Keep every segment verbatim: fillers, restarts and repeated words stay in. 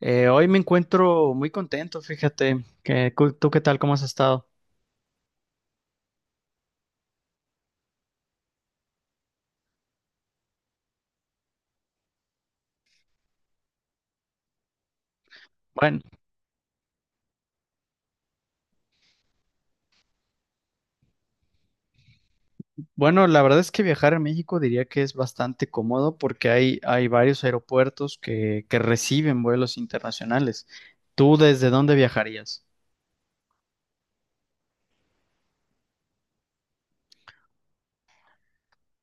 Eh, hoy me encuentro muy contento, fíjate. Que, cu- ¿tú qué tal? ¿Cómo has estado? Bueno, bueno, la verdad es que viajar a México diría que es bastante cómodo porque hay, hay varios aeropuertos que, que reciben vuelos internacionales. ¿Tú desde dónde viajarías?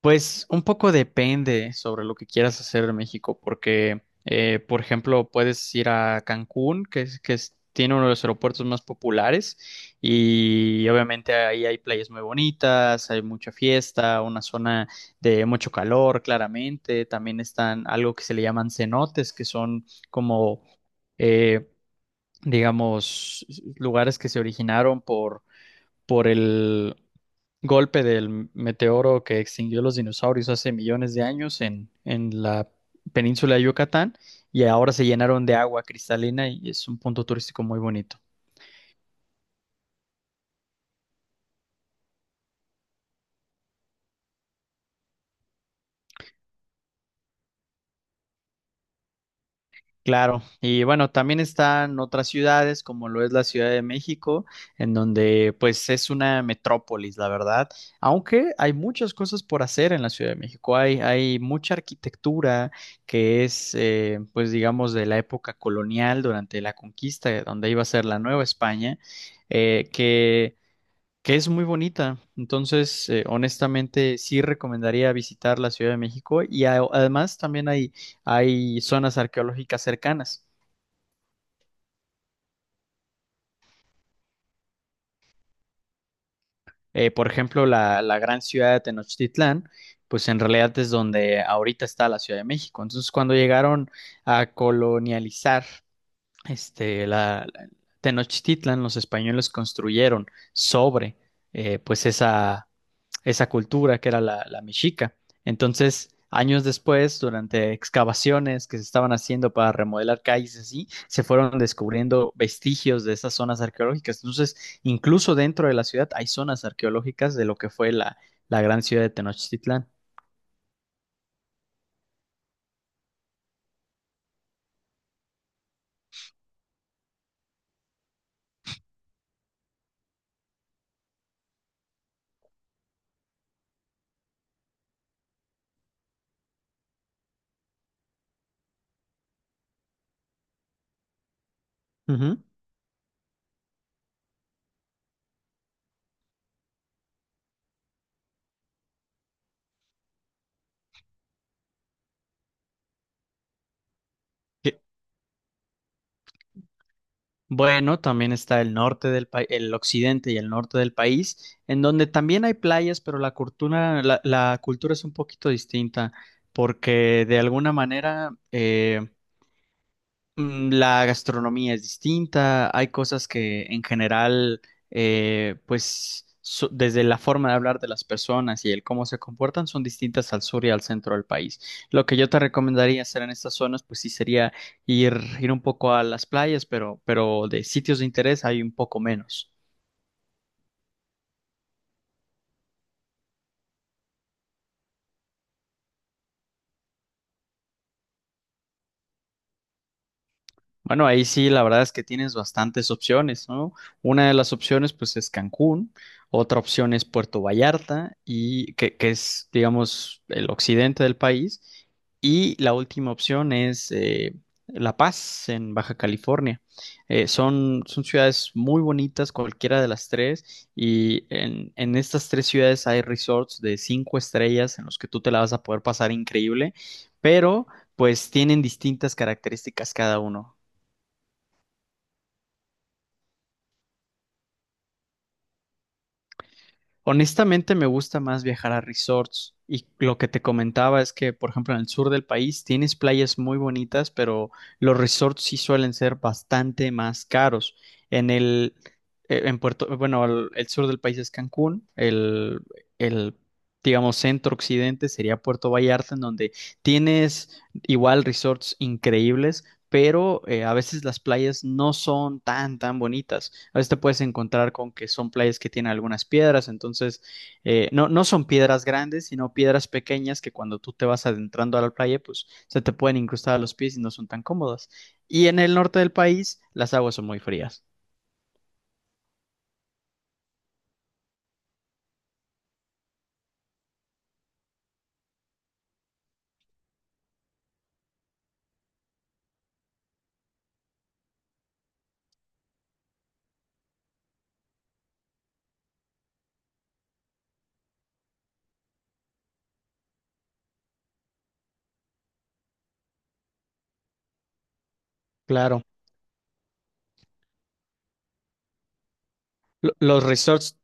Pues un poco depende sobre lo que quieras hacer en México, porque, eh, por ejemplo, puedes ir a Cancún, que es, que es- tiene uno de los aeropuertos más populares, y obviamente ahí hay playas muy bonitas, hay mucha fiesta, una zona de mucho calor, claramente. También están algo que se le llaman cenotes, que son como, eh, digamos, lugares que se originaron por, por el golpe del meteoro que extinguió los dinosaurios hace millones de años en, en la península de Yucatán y ahora se llenaron de agua cristalina y es un punto turístico muy bonito. Claro, y bueno, también están otras ciudades como lo es la Ciudad de México, en donde pues es una metrópolis, la verdad, aunque hay muchas cosas por hacer en la Ciudad de México, hay, hay mucha arquitectura que es eh, pues digamos de la época colonial durante la conquista, donde iba a ser la Nueva España, eh, que que es muy bonita. Entonces, eh, honestamente, sí recomendaría visitar la Ciudad de México y a- además también hay, hay zonas arqueológicas cercanas. Eh, por ejemplo, la, la gran ciudad de Tenochtitlán, pues en realidad es donde ahorita está la Ciudad de México. Entonces, cuando llegaron a colonializar este, la, la- Tenochtitlan, los españoles construyeron sobre, eh, pues esa, esa cultura que era la, la mexica. Entonces, años después, durante excavaciones que se estaban haciendo para remodelar calles y así, se fueron descubriendo vestigios de esas zonas arqueológicas. Entonces, incluso dentro de la ciudad hay zonas arqueológicas de lo que fue la, la gran ciudad de Tenochtitlán. Ujú. Bueno, también está el norte del país, el occidente y el norte del país, en donde también hay playas, pero la cultura, la, la cultura es un poquito distinta, porque de alguna manera eh, Mm, la gastronomía es distinta, hay cosas que en general, eh, pues so- desde la forma de hablar de las personas y el cómo se comportan son distintas al sur y al centro del país. Lo que yo te recomendaría hacer en estas zonas, pues sí sería ir, ir un poco a las playas, pero, pero de sitios de interés hay un poco menos. Bueno, ahí sí, la verdad es que tienes bastantes opciones, ¿no? Una de las opciones, pues, es Cancún, otra opción es Puerto Vallarta, y que, que es, digamos, el occidente del país, y la última opción es eh, La Paz, en Baja California. Eh, son, son ciudades muy bonitas, cualquiera de las tres, y en, en estas tres ciudades hay resorts de cinco estrellas en los que tú te la vas a poder pasar increíble, pero pues tienen distintas características cada uno. Honestamente me gusta más viajar a resorts y lo que te comentaba es que, por ejemplo, en el sur del país tienes playas muy bonitas, pero los resorts sí suelen ser bastante más caros. En el, eh, en Puerto, bueno, el, el sur del país es Cancún, el, el, digamos, centro occidente sería Puerto Vallarta, en donde tienes igual resorts increíbles, pero eh, a veces las playas no son tan, tan bonitas. A veces te puedes encontrar con que son playas que tienen algunas piedras, entonces eh, no, no son piedras grandes, sino piedras pequeñas que cuando tú te vas adentrando a la playa, pues se te pueden incrustar a los pies y no son tan cómodas. Y en el norte del país, las aguas son muy frías. Claro. Lo- Los resorts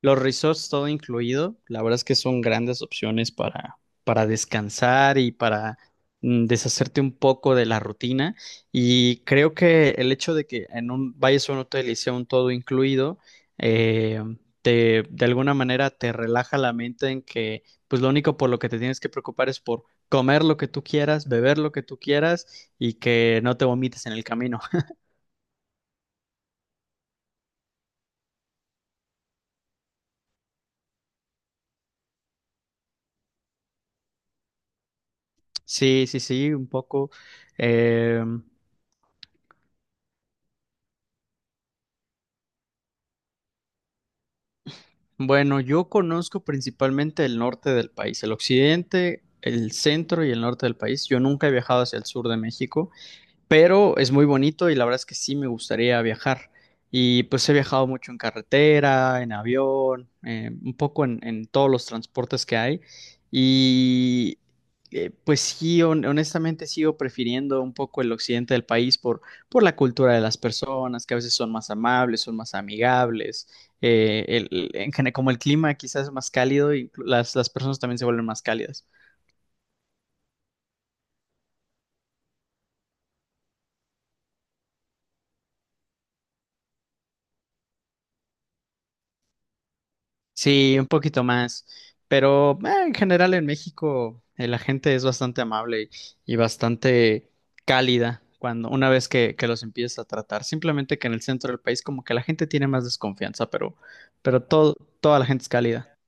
Los resorts todo incluido, la verdad es que son grandes opciones para, para descansar y para mm, deshacerte un poco de la rutina. Y creo que el hecho de que en un vayas a un hotel y sea un todo incluido, eh, te, de alguna manera te relaja la mente en que pues lo único por lo que te tienes que preocupar es por comer lo que tú quieras, beber lo que tú quieras y que no te vomites en el camino. Sí, sí, sí, un poco. em, Bueno, yo conozco principalmente el norte del país, el occidente, el centro y el norte del país. Yo nunca he viajado hacia el sur de México pero es muy bonito y la verdad es que sí me gustaría viajar. Y pues he viajado mucho en carretera, en avión, eh, un poco en, en todos los transportes que hay. Y eh, pues sí, hon- honestamente sigo prefiriendo un poco el occidente del país por, por la cultura de las personas, que a veces son más amables, son más amigables. Eh, el- el- en gene- como el clima quizás es más cálido y las, las personas también se vuelven más cálidas. Sí, un poquito más, pero eh, en general en México eh, la gente es bastante amable y, y bastante cálida cuando una vez que, que los empiezas a tratar. Simplemente que en el centro del país como que la gente tiene más desconfianza, pero, pero todo, toda la gente es cálida.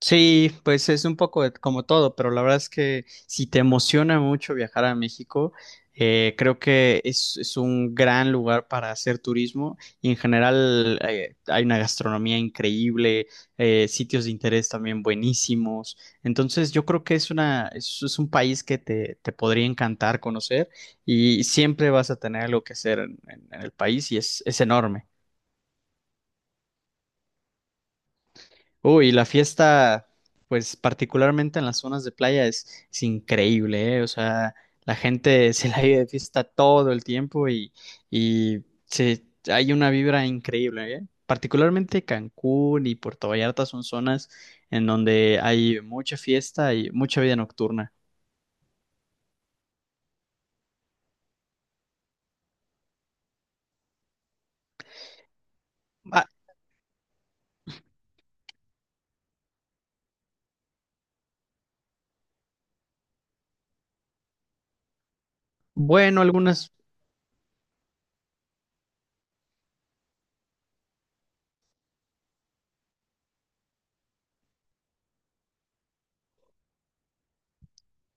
Sí, pues es un poco de- como todo, pero la verdad es que si te emociona mucho viajar a México, eh, creo que es, es un gran lugar para hacer turismo y en general eh, hay una gastronomía increíble, eh, sitios de interés también buenísimos. Entonces yo creo que es una, es, es un país que te, te podría encantar conocer y siempre vas a tener algo que hacer en, en- en el país y es, es enorme. Uy, la fiesta, pues particularmente en las zonas de playa es, es increíble, ¿eh? O sea, la gente se la vive de fiesta todo el tiempo y, y se, hay una vibra increíble, ¿eh? Particularmente Cancún y Puerto Vallarta son zonas en donde hay mucha fiesta y mucha vida nocturna. Ah, bueno, algunas.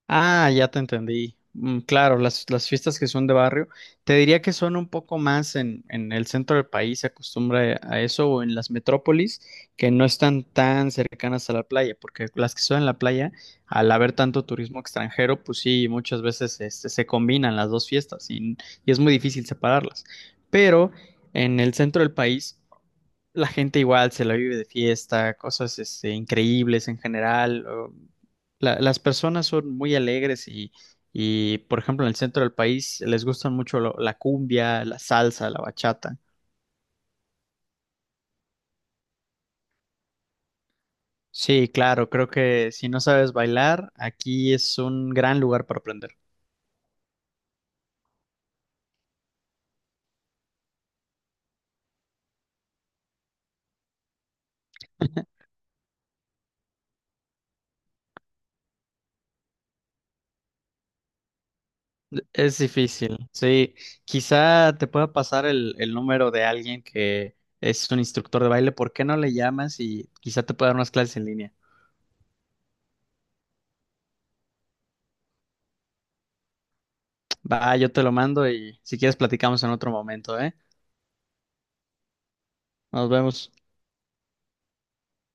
Ah, ya te entendí. Mm, claro, las, las fiestas que son de barrio, te diría que son un poco más en, en el centro del país, se acostumbra a eso, o en las metrópolis, que no están tan cercanas a la playa, porque las que son en la playa, al haber tanto turismo extranjero, pues sí, muchas veces este, se combinan las dos fiestas y, y es muy difícil separarlas. Pero en el centro del país la gente igual se la vive de fiesta, cosas este, increíbles en general. O- la- las personas son muy alegres y, y, por ejemplo, en el centro del país les gustan mucho lo- la cumbia, la salsa, la bachata. Sí, claro, creo que si no sabes bailar, aquí es un gran lugar para aprender. Es difícil, sí. Quizá te pueda pasar el, el número de alguien que es un instructor de baile. ¿Por qué no le llamas y quizá te pueda dar unas clases en línea? Va, yo te lo mando y si quieres platicamos en otro momento, ¿eh? Nos vemos.